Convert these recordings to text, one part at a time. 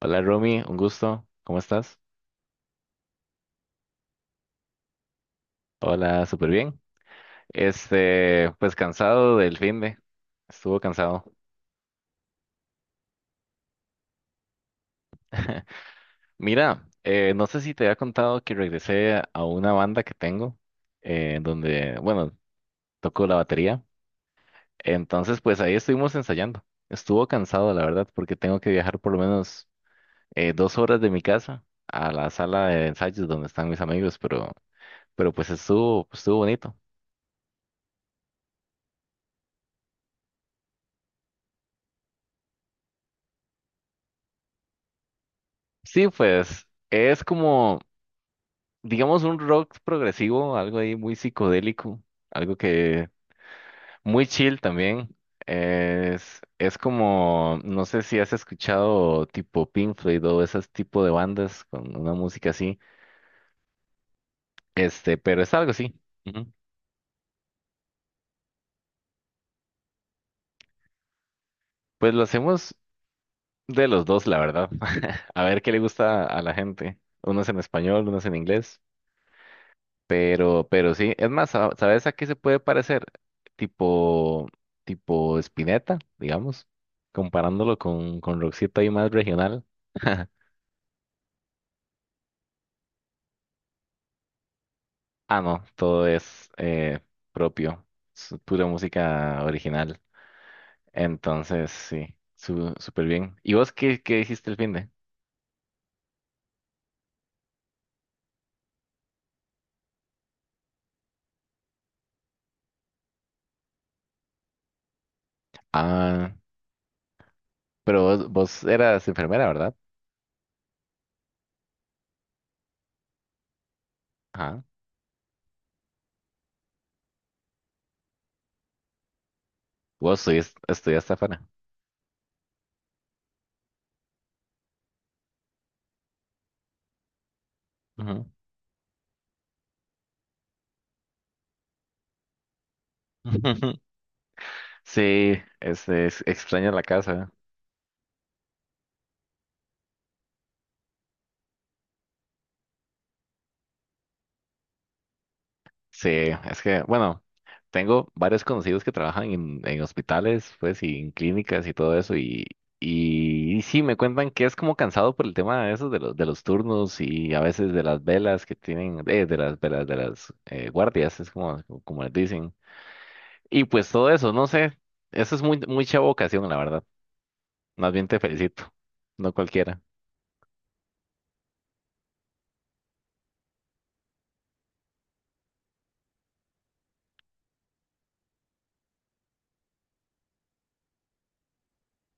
Hola Romy, un gusto. ¿Cómo estás? Hola, súper bien. Pues cansado del fin de. Estuvo cansado. Mira, no sé si te había contado que regresé a una banda que tengo, donde, bueno, toco la batería. Entonces, pues ahí estuvimos ensayando. Estuvo cansado, la verdad, porque tengo que viajar por lo menos dos horas de mi casa a la sala de ensayos donde están mis amigos, pero, pero pues estuvo bonito. Sí, pues es como digamos, un rock progresivo, algo ahí muy psicodélico, algo que muy chill también. Es como, no sé si has escuchado tipo Pink Floyd o ese tipo de bandas con una música así, pero es algo así. Ujú. Pues lo hacemos de los dos, la verdad. A ver qué le gusta a la gente. Unos en español, unos en inglés. Pero sí, es más, ¿sabes a qué se puede parecer? Tipo, tipo Spinetta, digamos, comparándolo con Roxito ahí más regional. Ah, no, todo es propio, es pura música original. Entonces, sí, súper bien. ¿Y vos qué, qué hiciste el fin de? Ah, pero vos, vos eras enfermera, ¿verdad? Ajá. Estudiaste afuera. Ujú. Sí, es extraña la casa. Sí, es que, bueno, tengo varios conocidos que trabajan en hospitales, pues, y en clínicas y todo eso, y y sí, me cuentan que es como cansado por el tema de esos, de los turnos y a veces de las velas que tienen, de las velas, de las guardias, es como, como les dicen. Y pues todo eso, no sé, eso es muy, mucha vocación, la verdad. Más bien te felicito, no cualquiera,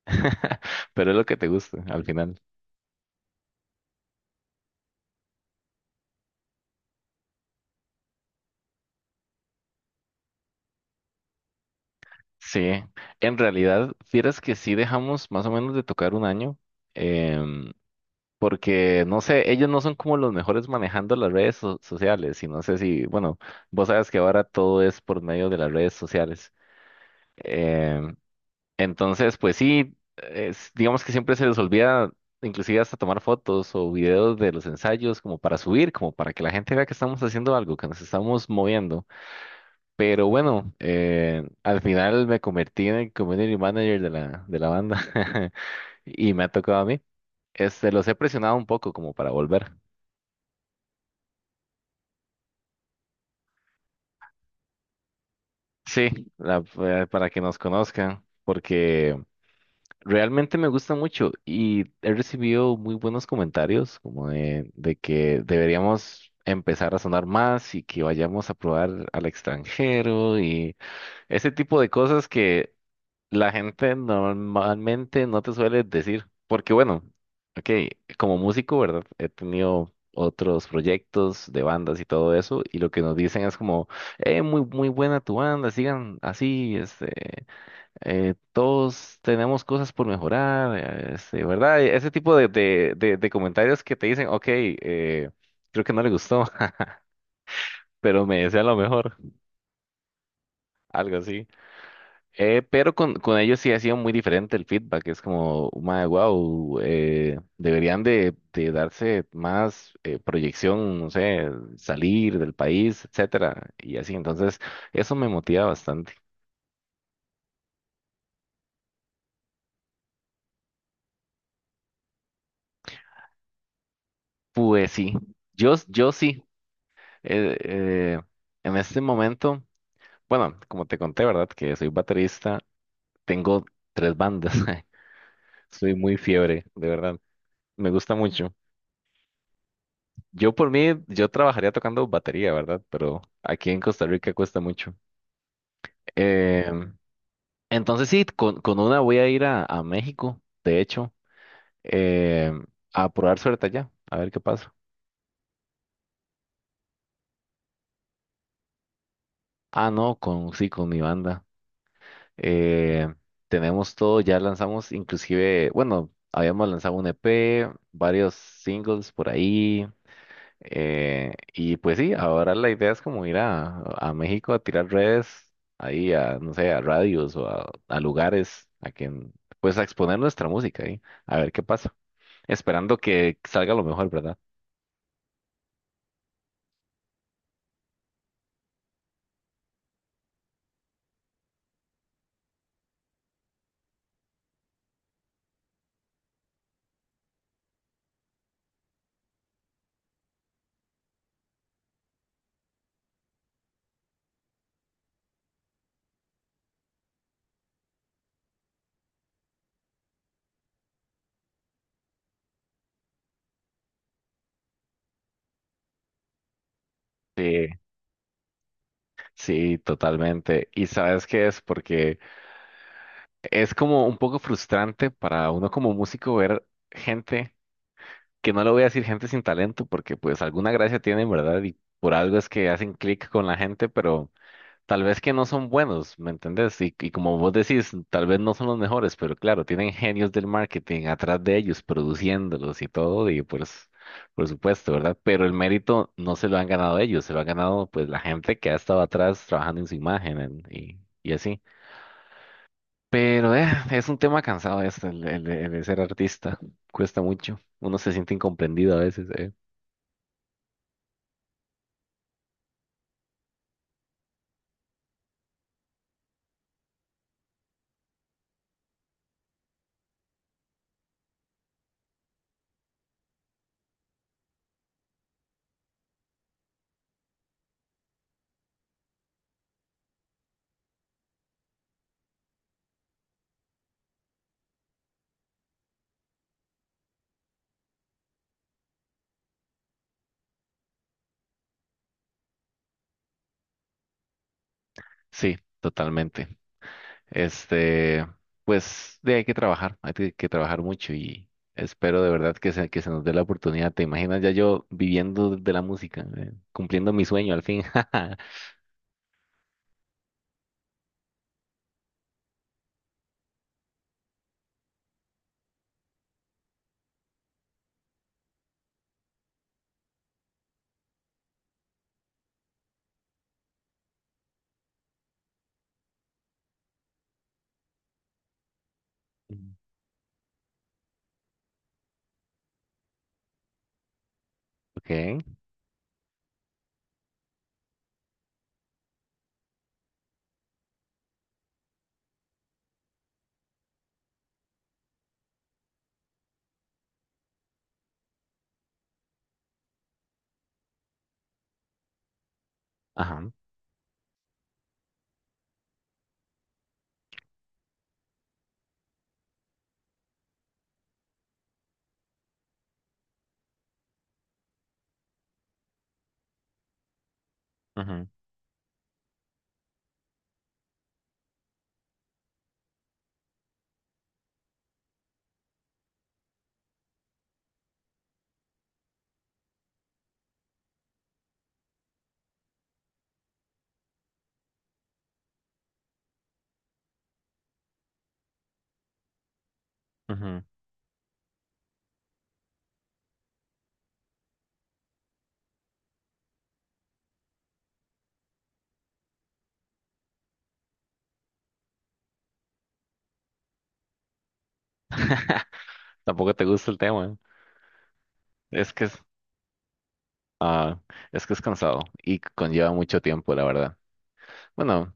pero es lo que te gusta al final. Sí, en realidad, fieras que sí dejamos más o menos de tocar un año, em, porque no sé, ellos no son como los mejores manejando las redes sociales, y no sé si, bueno, vos sabes que ahora todo es por medio de las redes sociales. Em, entonces, pues sí, digamos que siempre se les olvida inclusive hasta tomar fotos o videos de los ensayos como para subir, como para que la gente vea que estamos haciendo algo, que nos estamos moviendo. Pero bueno, al final me convertí en el community manager de la banda y me ha tocado a mí. Este, los he presionado un poco como para volver. Sí, para que nos conozcan, porque realmente me gusta mucho y he recibido muy buenos comentarios como de que deberíamos empezar a sonar más y que vayamos a probar al extranjero y ese tipo de cosas que la gente normalmente no te suele decir, porque bueno, ok, como músico, ¿verdad? He tenido otros proyectos de bandas y todo eso, y lo que nos dicen es como, muy buena tu banda, sigan así, todos tenemos cosas por mejorar, ¿verdad? Ese tipo de de comentarios que te dicen, ok, creo que no le gustó, pero me desea lo mejor, algo así. Pero con ellos sí ha sido muy diferente el feedback. Es como, wow, deberían de darse más proyección, no sé, salir del país, etcétera, y así. Entonces, eso me motiva bastante. Pues sí, yo sí. eh, eh, en este momento, bueno, como te conté, ¿verdad? Que soy baterista, tengo tres bandas. Soy muy fiebre, de verdad. Me gusta mucho. Yo por mí, yo trabajaría tocando batería, ¿verdad? Pero aquí en Costa Rica cuesta mucho. Eh, entonces sí, con una voy a ir a México, de hecho, eh, a probar suerte allá, a ver qué pasa. Ah, no, con, sí, con mi banda. Eh, Tenemos todo, ya lanzamos inclusive, bueno, habíamos lanzado un EP, varios singles por ahí. Y pues sí, ahora la idea es como ir a México a tirar redes, ahí a, no sé, a radios o a lugares, a quien, pues a exponer nuestra música ahí, a ver qué pasa, esperando que salga lo mejor, ¿verdad? Sí, sí, totalmente. ¿Y sabes qué es? Porque es como un poco frustrante para uno como músico ver gente, que no le voy a decir gente sin talento, porque pues alguna gracia tienen, ¿verdad? Y por algo es que hacen clic con la gente, pero tal vez que no son buenos, ¿me entendés? Y como vos decís, tal vez no son los mejores, pero claro, tienen genios del marketing atrás de ellos, produciéndolos y todo, y pues, por supuesto, ¿verdad? Pero el mérito no se lo han ganado ellos, se lo ha ganado pues la gente que ha estado atrás trabajando en su imagen y así. Pero es un tema cansado este, el de ser artista, cuesta mucho, uno se siente incomprendido a veces, eh. Sí, totalmente. Este, pues de hay que trabajar, que trabajar mucho y espero de verdad que se nos dé la oportunidad. ¿Te imaginas ya yo viviendo de la música, cumpliendo mi sueño al fin? Mm. Ok, ajá, ujú, ujú. Tampoco te gusta el tema. ¿Eh? Es que ah, es que es cansado y conlleva mucho tiempo, la verdad. Bueno,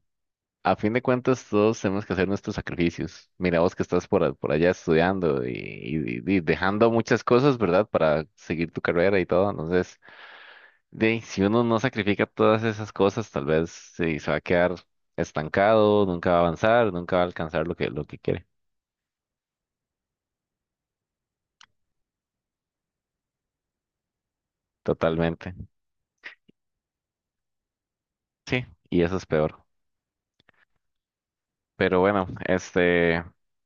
a fin de cuentas, todos tenemos que hacer nuestros sacrificios. Mira vos que estás por, por allá estudiando y, y dejando muchas cosas, ¿verdad? Para seguir tu carrera y todo. Entonces, de, ahí, si uno no sacrifica todas esas cosas, tal vez sí, se va a quedar estancado, nunca va a avanzar, nunca va a alcanzar lo que quiere. Totalmente. Sí, y eso es peor. Pero bueno, este,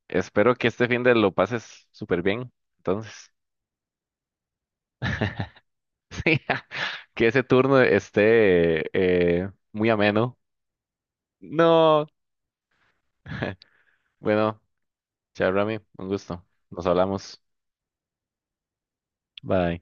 espero que este fin de lo pases súper bien. Entonces, sí, que ese turno esté muy ameno. No. Bueno, chao, Rami, un gusto. Nos hablamos. Bye.